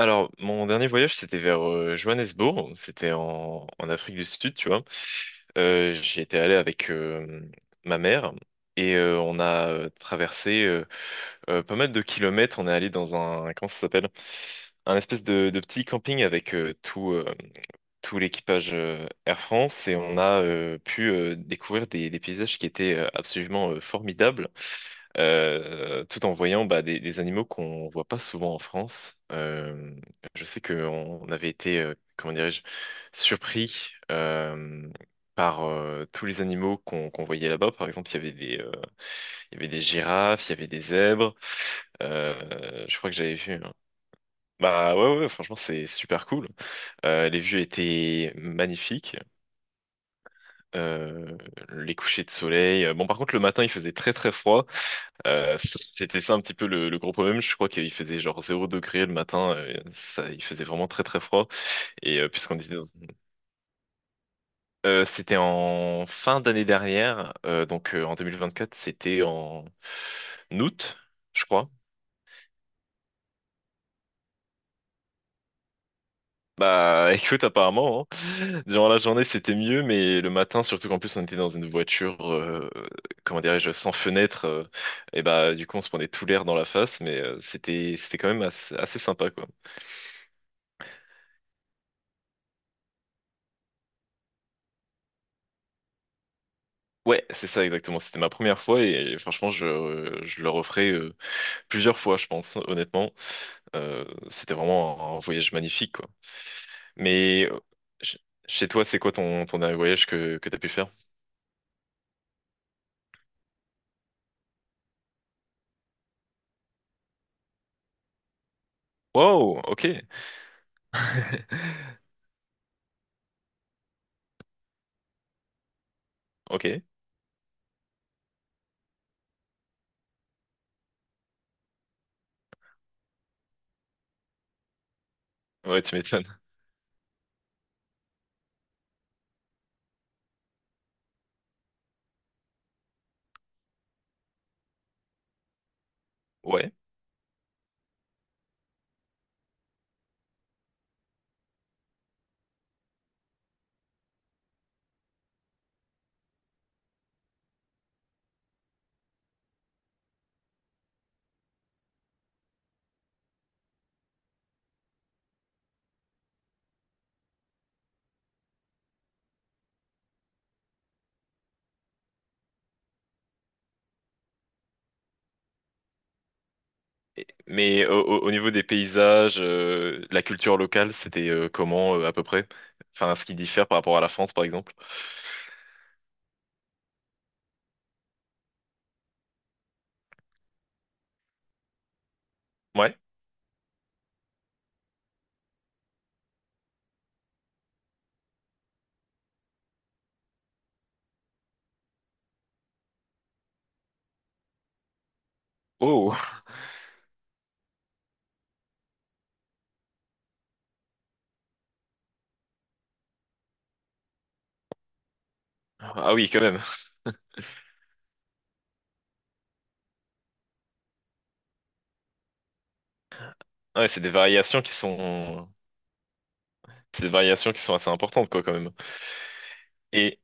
Alors, mon dernier voyage, c'était vers Johannesburg. C'était en Afrique du Sud, tu vois. J'y étais allé avec ma mère et on a traversé pas mal de kilomètres. On est allé dans un, comment ça s'appelle? Un espèce de petit camping avec tout l'équipage Air France et on a pu découvrir des paysages qui étaient absolument formidables, tout en voyant bah, des animaux qu'on voit pas souvent en France. Je sais qu'on avait été, comment dirais-je, surpris par tous les animaux qu'on qu'on voyait là-bas. Par exemple, il y avait des girafes, il y avait des zèbres. Je crois que j'avais vu, hein. Bah ouais, ouais, franchement, c'est super cool. Les vues étaient magnifiques, euh, les couchers de soleil. Bon, par contre, le matin, il faisait très très froid. C'était ça un petit peu le gros problème. Je crois qu'il faisait genre 0 degré le matin. Ça, il faisait vraiment très très froid. Et puisqu'on était, c'était en fin d'année dernière, donc en 2024, c'était en août, je crois. Bah écoute, apparemment, hein. Durant la journée c'était mieux, mais le matin, surtout qu'en plus on était dans une voiture, comment dirais-je, sans fenêtre, et bah du coup on se prenait tout l'air dans la face, mais c'était quand même assez sympa quoi. Ouais, c'est ça exactement, c'était ma première fois et, franchement je le referai plusieurs fois je pense, honnêtement. C'était vraiment un voyage magnifique quoi. Mais ch- chez toi c'est quoi ton dernier voyage que t'as pu faire? Wow, ok. Ok, ouais tu m'étonnes. Ouais. Mais au niveau des paysages, la culture locale, c'était comment à peu près? Enfin, ce qui diffère par rapport à la France, par exemple. Ouais. Oh. Ah oui, quand même. Ah ouais, c'est des variations qui sont assez importantes, quoi, quand même. Et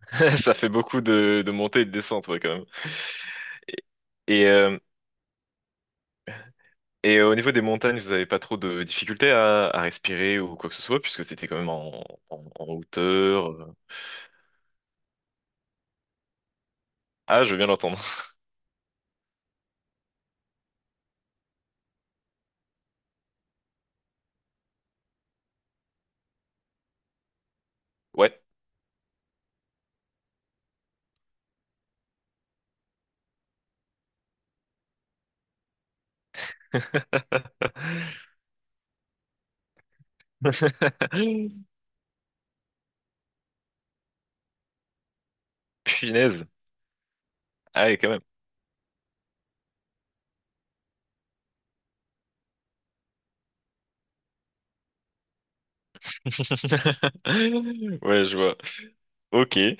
ça fait beaucoup de montées et de descentes, ouais, quand même. Et, euh, et au niveau des montagnes, vous avez pas trop de difficultés à respirer ou quoi que ce soit, puisque c'était quand même en hauteur. Ah, je veux bien l'entendre. Ouais. Punaise. Ah ouais, quand même. Ouais, je vois. Ok. Et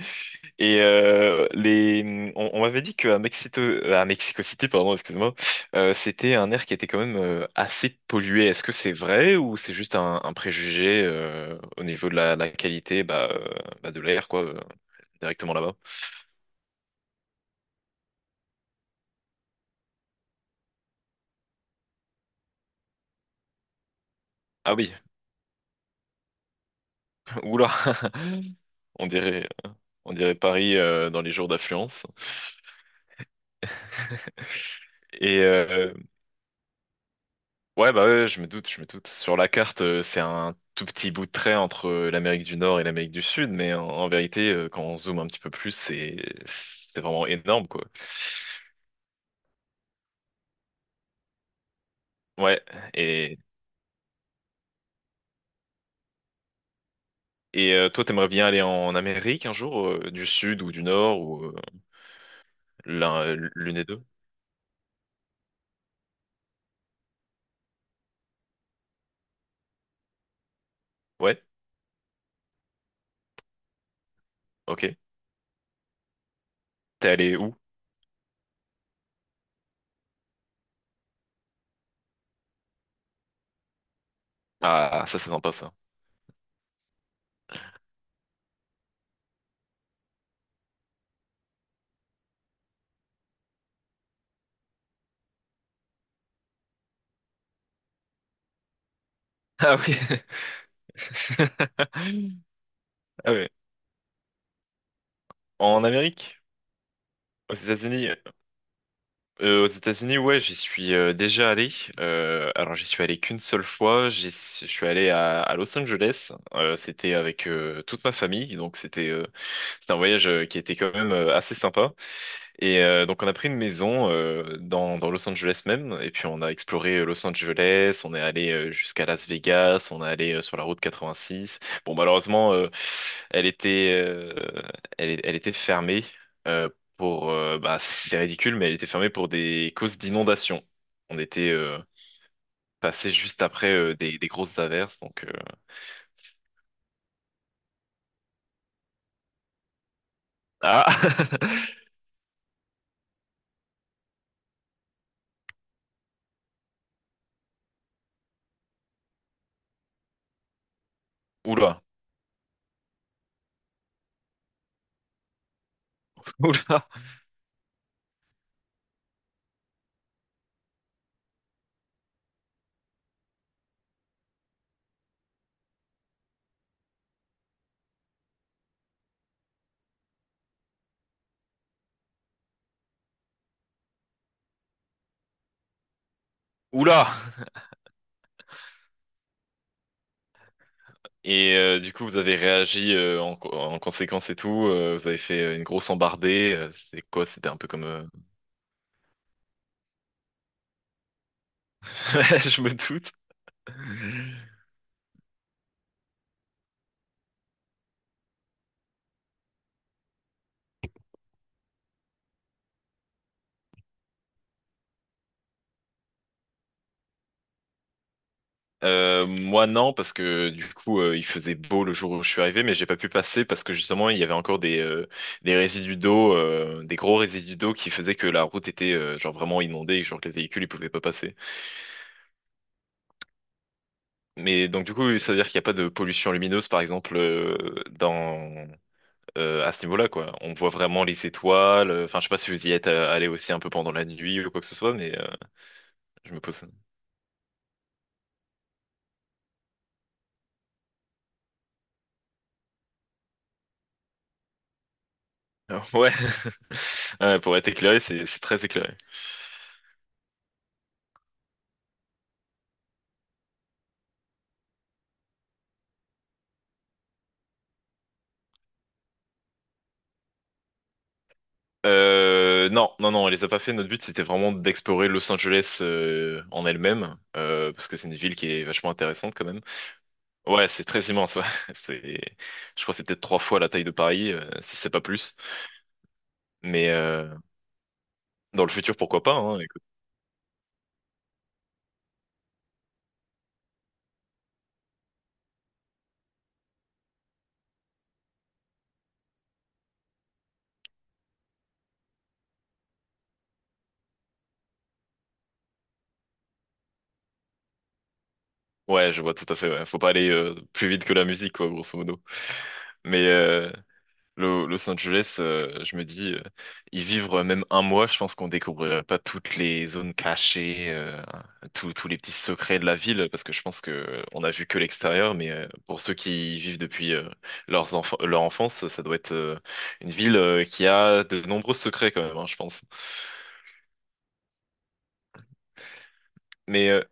on m'avait dit qu'à Mexico, à Mexico City, pardon, excuse-moi, c'était un air qui était quand même assez pollué. Est-ce que c'est vrai ou c'est juste un préjugé au niveau de la qualité, bah, bah, de l'air, quoi, directement là-bas? Ah oui. Oula. On dirait, on dirait Paris dans les jours d'affluence. Et ouais, bah ouais, je me doute, je me doute. Sur la carte, c'est un tout petit bout de trait entre l'Amérique du Nord et l'Amérique du Sud, mais en vérité, quand on zoome un petit peu plus, c'est vraiment énorme, quoi. Ouais, et et toi, t'aimerais bien aller en Amérique un jour, du Sud ou du Nord ou l'une des deux? Ouais, ok. T'es allé où? Ah, ça c'est sympa ça. Ah oui. Ah ouais. En Amérique? Aux États-Unis? Aux États-Unis, ouais, j'y suis déjà allé. Alors, j'y suis allé qu'une seule fois. Je suis allé à Los Angeles. C'était avec toute ma famille, donc c'était un voyage qui était quand même assez sympa. Et donc on a pris une maison dans Los Angeles même, et puis on a exploré Los Angeles, on est allé jusqu'à Las Vegas, on est allé sur la route 86. Bon malheureusement elle était euh, elle était fermée euh, pour bah c'est ridicule mais elle était fermée pour des causes d'inondation. On était passé juste après des grosses averses donc ah, oula, oula, oula. Et du coup, vous avez réagi en conséquence et tout. Vous avez fait une grosse embardée. C'était quoi? C'était un peu comme... Je me doute. Moi, non, parce que du coup, il faisait beau le jour où je suis arrivé, mais j'ai pas pu passer parce que justement, il y avait encore des résidus d'eau, des gros résidus d'eau qui faisaient que la route était genre vraiment inondée et genre que les véhicules, ils pouvaient pas passer. Mais donc du coup, ça veut dire qu'il n'y a pas de pollution lumineuse, par exemple, dans... à ce niveau-là, quoi. On voit vraiment les étoiles. Enfin, je sais pas si vous y êtes allé aussi un peu pendant la nuit ou quoi que ce soit, mais je me pose. Ah, ouais. Ouais, pour être éclairé, c'est très éclairé. Non, non, non, on les a pas fait. Notre but, c'était vraiment d'explorer Los Angeles en elle-même, parce que c'est une ville qui est vachement intéressante quand même. Ouais, c'est très immense. Ouais. C'est, je crois, que c'est peut-être trois fois la taille de Paris, si c'est pas plus. Mais dans le futur, pourquoi pas, hein. Ouais, je vois tout à fait, ouais. Faut pas aller plus vite que la musique, quoi, grosso modo. Mais Los Angeles, je me dis, y vivre même un mois, je pense qu'on découvrirait pas toutes les zones cachées, tous les petits secrets de la ville, parce que je pense que on a vu que l'extérieur, mais pour ceux qui y vivent depuis leurs enfants, leur enfance, ça doit être une ville qui a de nombreux secrets quand même, hein, je pense. Mais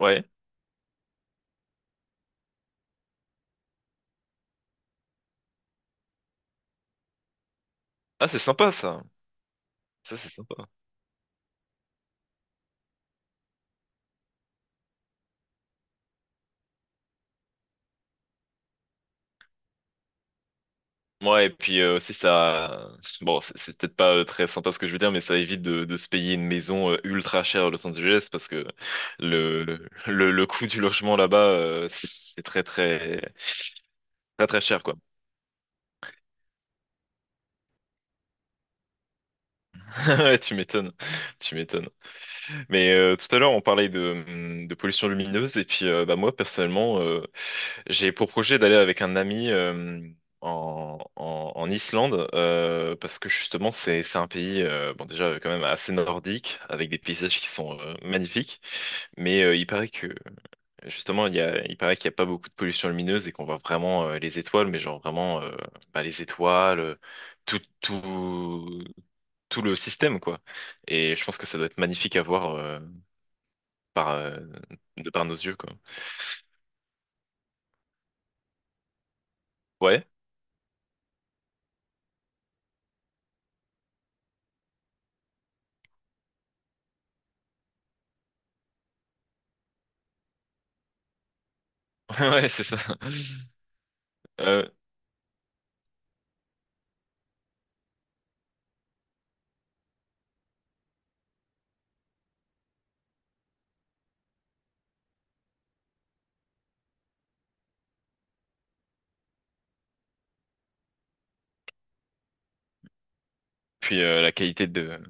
ouais, ah c'est sympa ça, ça c'est sympa. Ouais, et puis aussi ça, bon, c'est peut-être pas très sympa ce que je veux dire, mais ça évite de se payer une maison ultra chère à Los Angeles parce que le le coût du logement là-bas c'est très très très très cher quoi. Ouais, tu m'étonnes, tu m'étonnes. Mais tout à l'heure, on parlait de pollution lumineuse et puis bah, moi personnellement, j'ai pour projet d'aller avec un ami en Islande parce que justement c'est un pays bon déjà quand même assez nordique avec des paysages qui sont magnifiques, mais il paraît que justement il paraît qu'il n'y a pas beaucoup de pollution lumineuse et qu'on voit vraiment les étoiles, mais genre vraiment bah, les étoiles, tout tout tout le système quoi. Et je pense que ça doit être magnifique à voir par de par nos yeux quoi. Ouais, ouais, c'est ça. Euh, puis la qualité de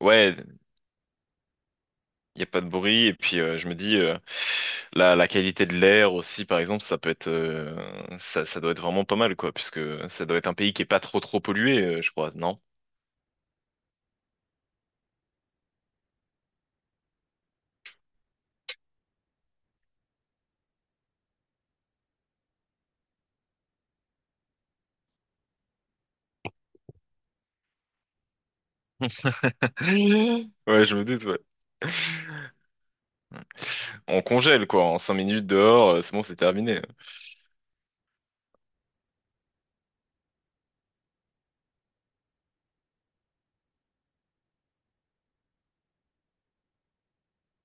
Ouais, il y a pas de bruit et puis je me dis la qualité de l'air aussi par exemple, ça peut être ça doit être vraiment pas mal quoi puisque ça doit être un pays qui est pas trop trop pollué je crois, non? Ouais, je me doute ouais. On congèle quoi, en 5 minutes dehors, c'est bon, c'est terminé.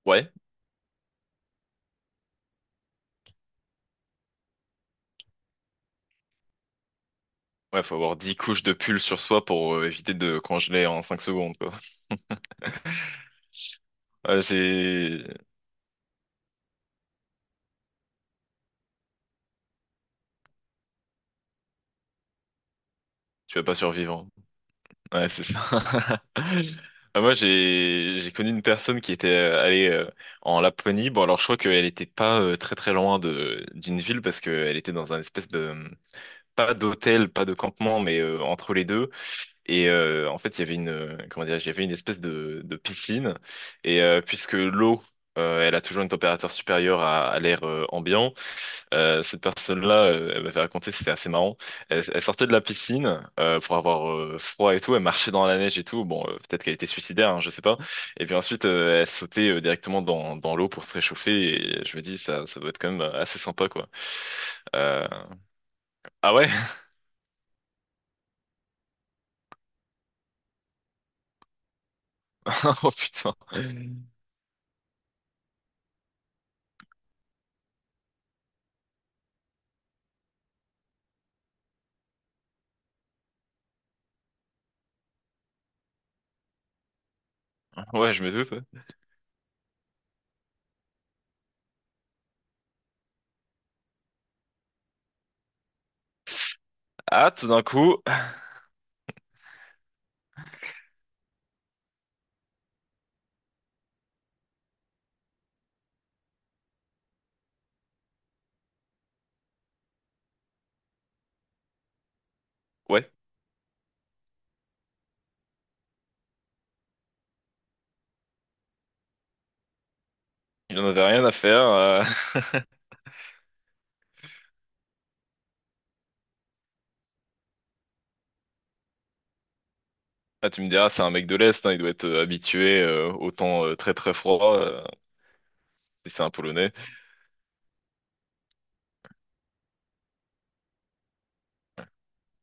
Ouais. Ouais, faut avoir 10 couches de pull sur soi pour éviter de congeler en 5 secondes quoi. Ouais, j'ai Tu vas pas survivre. Ouais, c'est ça. Ah, moi, j'ai connu une personne qui était allée en Laponie. Bon, alors je crois qu'elle était pas très très loin de d'une ville parce qu'elle était dans un espèce de pas d'hôtel, pas de campement, mais entre les deux. Et en fait, il y avait une comment dire, il y avait une espèce de piscine. Et puisque l'eau, elle a toujours une température supérieure à l'air ambiant, cette personne-là, elle m'avait raconté, c'était assez marrant. Elle sortait de la piscine pour avoir froid et tout. Elle marchait dans la neige et tout. Bon, peut-être qu'elle était suicidaire, hein, je sais pas. Et puis ensuite, elle sautait directement dans l'eau pour se réchauffer. Et je me dis, ça doit être quand même assez sympa, quoi. Euh, Ah ouais? Oh putain. Ouais, je me doute. Ouais. Ah, tout d'un coup, ouais, il en avait rien à faire. Ah, tu me diras, c'est un mec de l'Est, hein, il doit être habitué au temps très très froid, si c'est un Polonais.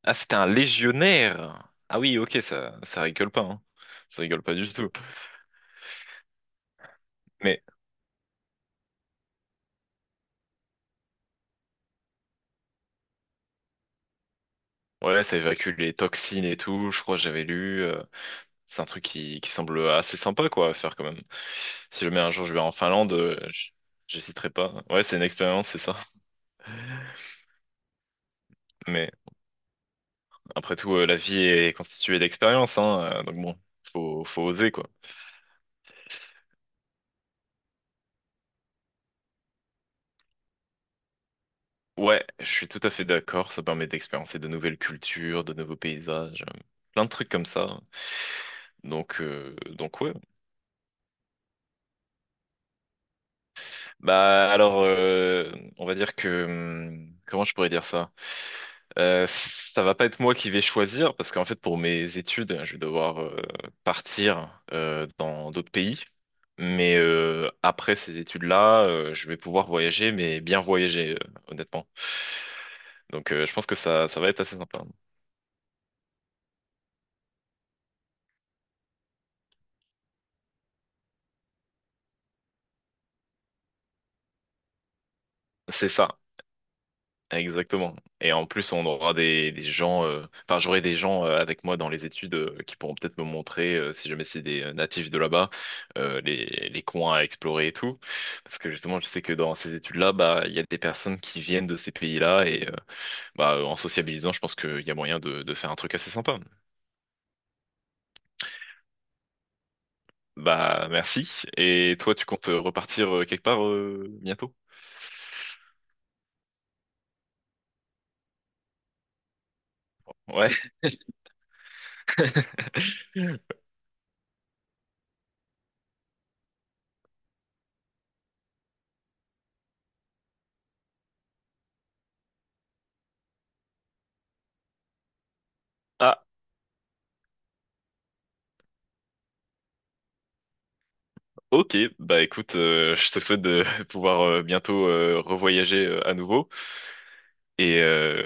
Ah, c'était un légionnaire. Ah oui, ok, ça rigole pas, hein. Ça rigole pas du tout. Mais voilà, ça évacue les toxines et tout. Je crois que j'avais lu. C'est un truc qui semble assez sympa, quoi, à faire quand même. Si jamais un jour je vais en Finlande, j'hésiterai pas. Ouais, c'est une expérience, c'est ça. Mais après tout, la vie est constituée d'expériences, hein. Donc bon, faut oser, quoi. Ouais, je suis tout à fait d'accord. Ça permet d'expérimenter de nouvelles cultures, de nouveaux paysages, plein de trucs comme ça. Donc, ouais. Bah alors, on va dire que comment je pourrais dire ça? Ça va pas être moi qui vais choisir parce qu'en fait pour mes études, je vais devoir partir dans d'autres pays. Mais après ces études-là, je vais pouvoir voyager, mais bien voyager, honnêtement. Donc je pense que ça va être assez sympa. C'est ça. Exactement. Et en plus, on aura enfin, j'aurai des gens avec moi dans les études qui pourront peut-être me montrer, si jamais c'est des natifs de là-bas, les coins à explorer et tout. Parce que justement, je sais que dans ces études-là, bah, il y a des personnes qui viennent de ces pays-là et bah, en sociabilisant, je pense qu'il y a moyen de faire un truc assez sympa. Bah, merci. Et toi, tu comptes repartir quelque part bientôt? Ouais. Ah, ok. Bah écoute, je te souhaite de pouvoir bientôt revoyager à nouveau. Et, euh,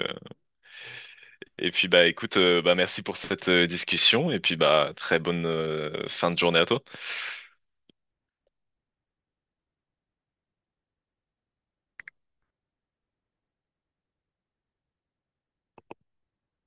et puis bah écoute, bah merci pour cette discussion et puis bah très bonne fin de journée à toi.